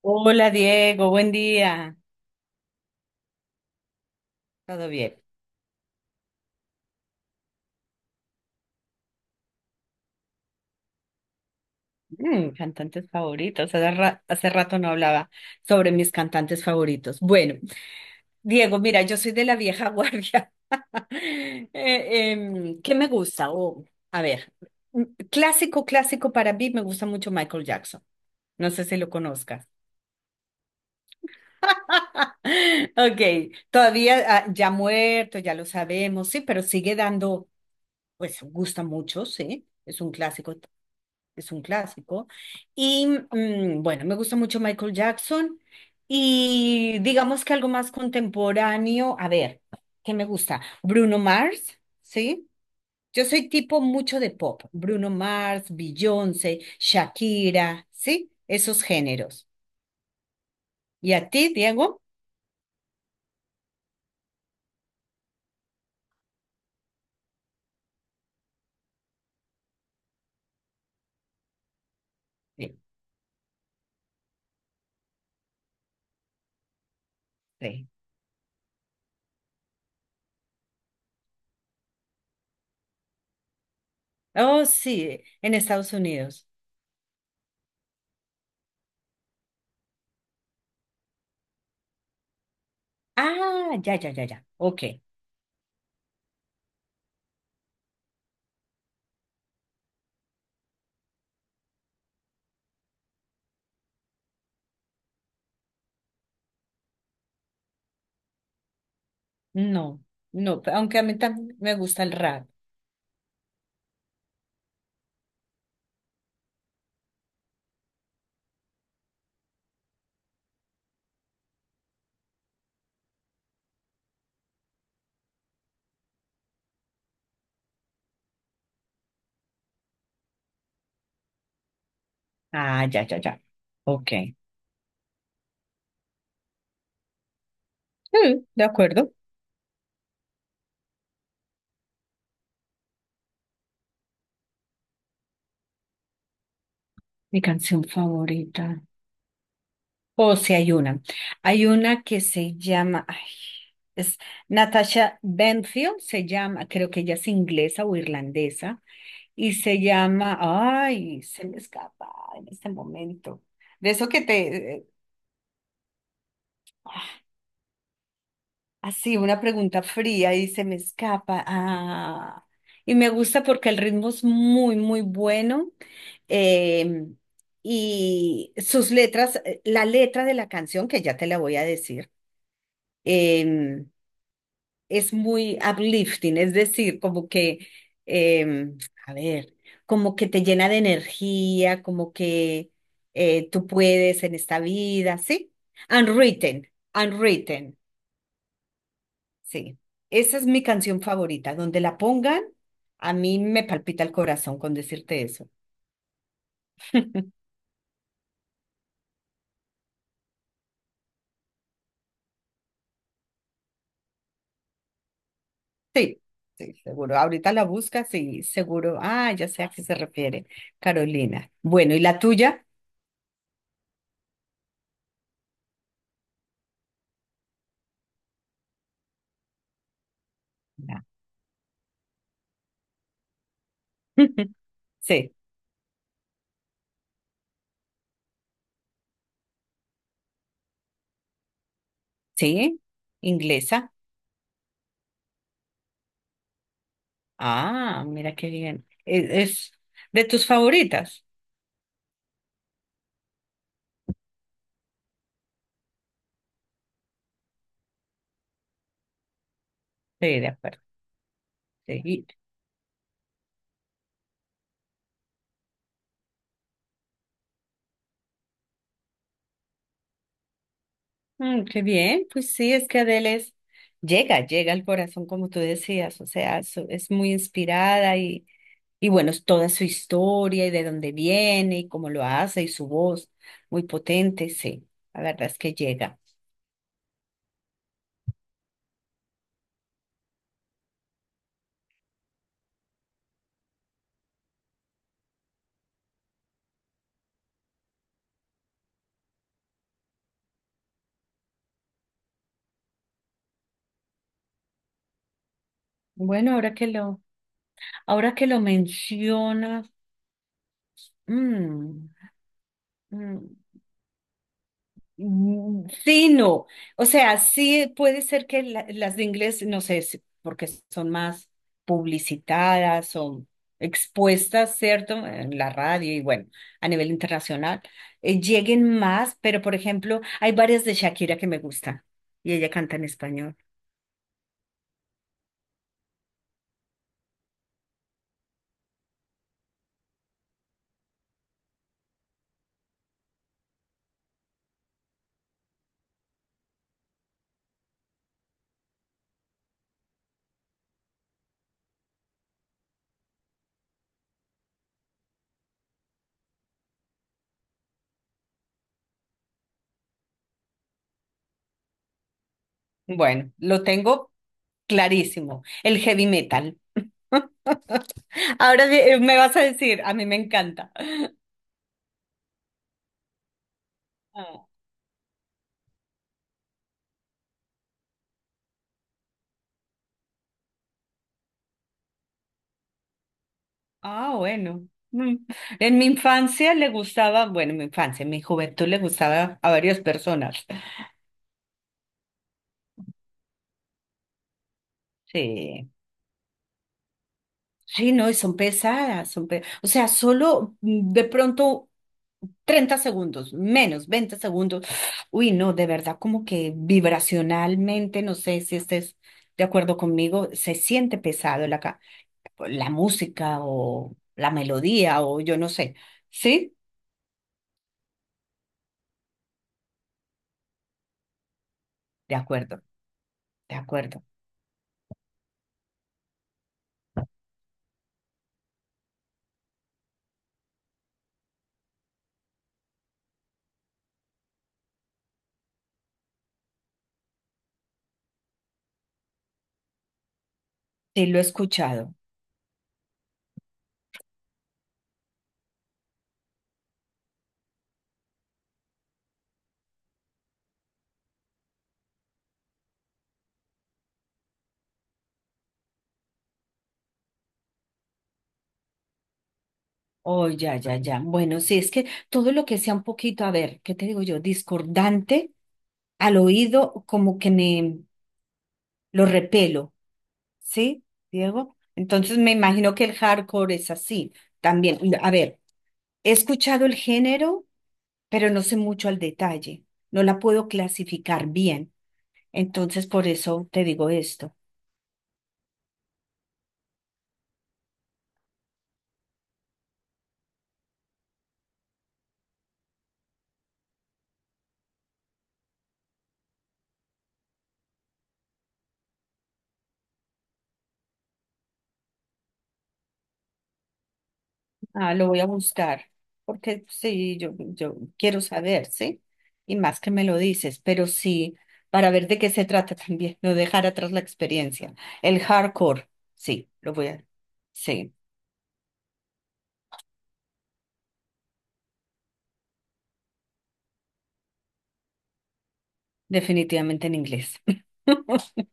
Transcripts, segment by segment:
Hola Diego, buen día. ¿Todo bien? Cantantes favoritos. Hace rato no hablaba sobre mis cantantes favoritos. Bueno, Diego, mira, yo soy de la vieja guardia. ¿Qué me gusta? A ver, mm, clásico, clásico para mí me gusta mucho Michael Jackson. No sé si lo conozcas. Ok, todavía ya muerto, ya lo sabemos, sí, pero sigue dando, pues gusta mucho, sí, es un clásico. Es un clásico. Y bueno, me gusta mucho Michael Jackson y digamos que algo más contemporáneo, a ver, ¿qué me gusta? Bruno Mars, ¿sí? Yo soy tipo mucho de pop, Bruno Mars, Beyoncé, Shakira, ¿sí? Esos géneros. ¿Y a ti, Diego? Sí. Sí. Oh, sí, en Estados Unidos. Ah, ya, ya, ya, ya. Ok. No, no, aunque a mí también me gusta el rap. Ah, ya, ya, ya. Ok. Mm, de acuerdo. Mi canción favorita. O si hay una. Hay una que se llama, ay, es Natasha Bedingfield, se llama, creo que ella es inglesa o irlandesa, y se llama, ay, se me escapa en este momento. De eso que así, una pregunta fría y se me escapa. Y me gusta porque el ritmo es muy, muy bueno. eh, y sus letras, la letra de la canción, que ya te la voy a decir, eh, es muy uplifting, es decir, como que, eh, a ver, como que te llena de energía, como que tú puedes en esta vida, ¿sí? Unwritten, unwritten. Sí, esa es mi canción favorita. Donde la pongan, a mí me palpita el corazón con decirte eso. Sí, sí, seguro. Ahorita la buscas y seguro. Ah, ya sé a qué se refiere, Carolina. Bueno, ¿y la tuya? Ya. Sí, sí, inglesa. Ah, mira qué bien. Es, de tus favoritas. Sí, de acuerdo. Sí. Mm, qué bien, pues sí, es que Adele es, llega, llega al corazón, como tú decías, o sea, es muy inspirada. Y bueno, es toda su historia y de dónde viene y cómo lo hace y su voz muy potente, sí, la verdad es que llega. Bueno, ahora que lo mencionas, mm, mm, sí, no. O sea, sí puede ser que las de inglés, no sé, porque son más publicitadas, son expuestas, ¿cierto? En la radio y bueno, a nivel internacional, lleguen más, pero por ejemplo, hay varias de Shakira que me gustan y ella canta en español. Bueno, lo tengo clarísimo, el heavy metal. Ahora me vas a decir, a mí me encanta. Ah, bueno. Mm. En mi infancia le gustaba, bueno, en mi infancia, en mi juventud le gustaba a varias personas. Sí, sí, no, y son pesadas, son o sea, solo de pronto 30 segundos, menos 20 segundos. Uy, no, de verdad, como que vibracionalmente, no sé si estés de acuerdo conmigo, se siente pesado la música o la melodía o yo no sé. ¿Sí? De acuerdo, de acuerdo. Sí, lo he escuchado. Oh, ya, ya, ya. Bueno, sí, es que todo lo que sea un poquito, a ver, ¿qué te digo yo? Discordante al oído, como que me lo repelo, ¿sí, Diego? Entonces me imagino que el hardcore es así también. A ver, he escuchado el género, pero no sé mucho al detalle. No la puedo clasificar bien. Entonces, por eso te digo esto. Ah, lo voy a buscar, porque sí, yo quiero saber, ¿sí? Y más que me lo dices, pero sí, para ver de qué se trata también, no dejar atrás la experiencia. El hardcore, sí, lo voy a, sí, definitivamente en inglés.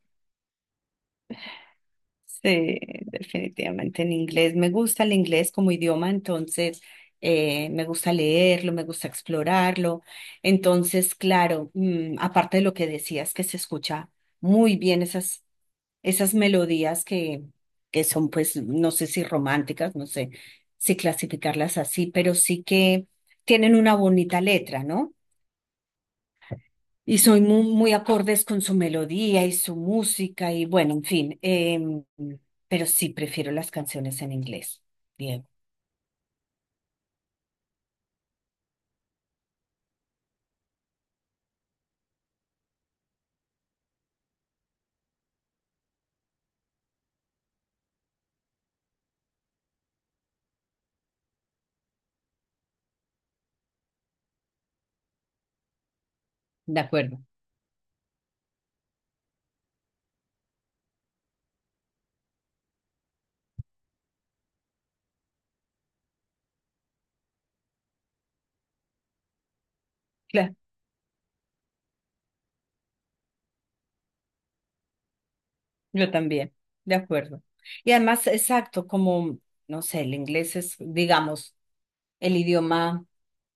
Sí, definitivamente en inglés. Me gusta el inglés como idioma, entonces me gusta leerlo, me gusta explorarlo. Entonces, claro, aparte de lo que decías, que se escucha muy bien esas esas melodías que son, pues, no sé si románticas, no sé si clasificarlas así, pero sí que tienen una bonita letra, ¿no? Y soy muy, muy acordes con su melodía y su música y bueno, en fin, pero sí prefiero las canciones en inglés. Bien, de acuerdo. Yo también, de acuerdo. Y además, exacto, como, no sé, el inglés es, digamos, el idioma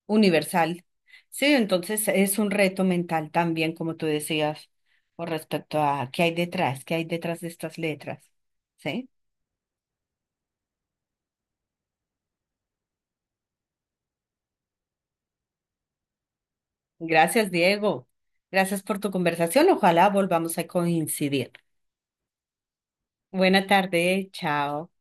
universal. Sí, entonces es un reto mental también, como tú decías, con respecto a qué hay detrás de estas letras. Sí. Gracias, Diego. Gracias por tu conversación. Ojalá volvamos a coincidir. Buena tarde, chao.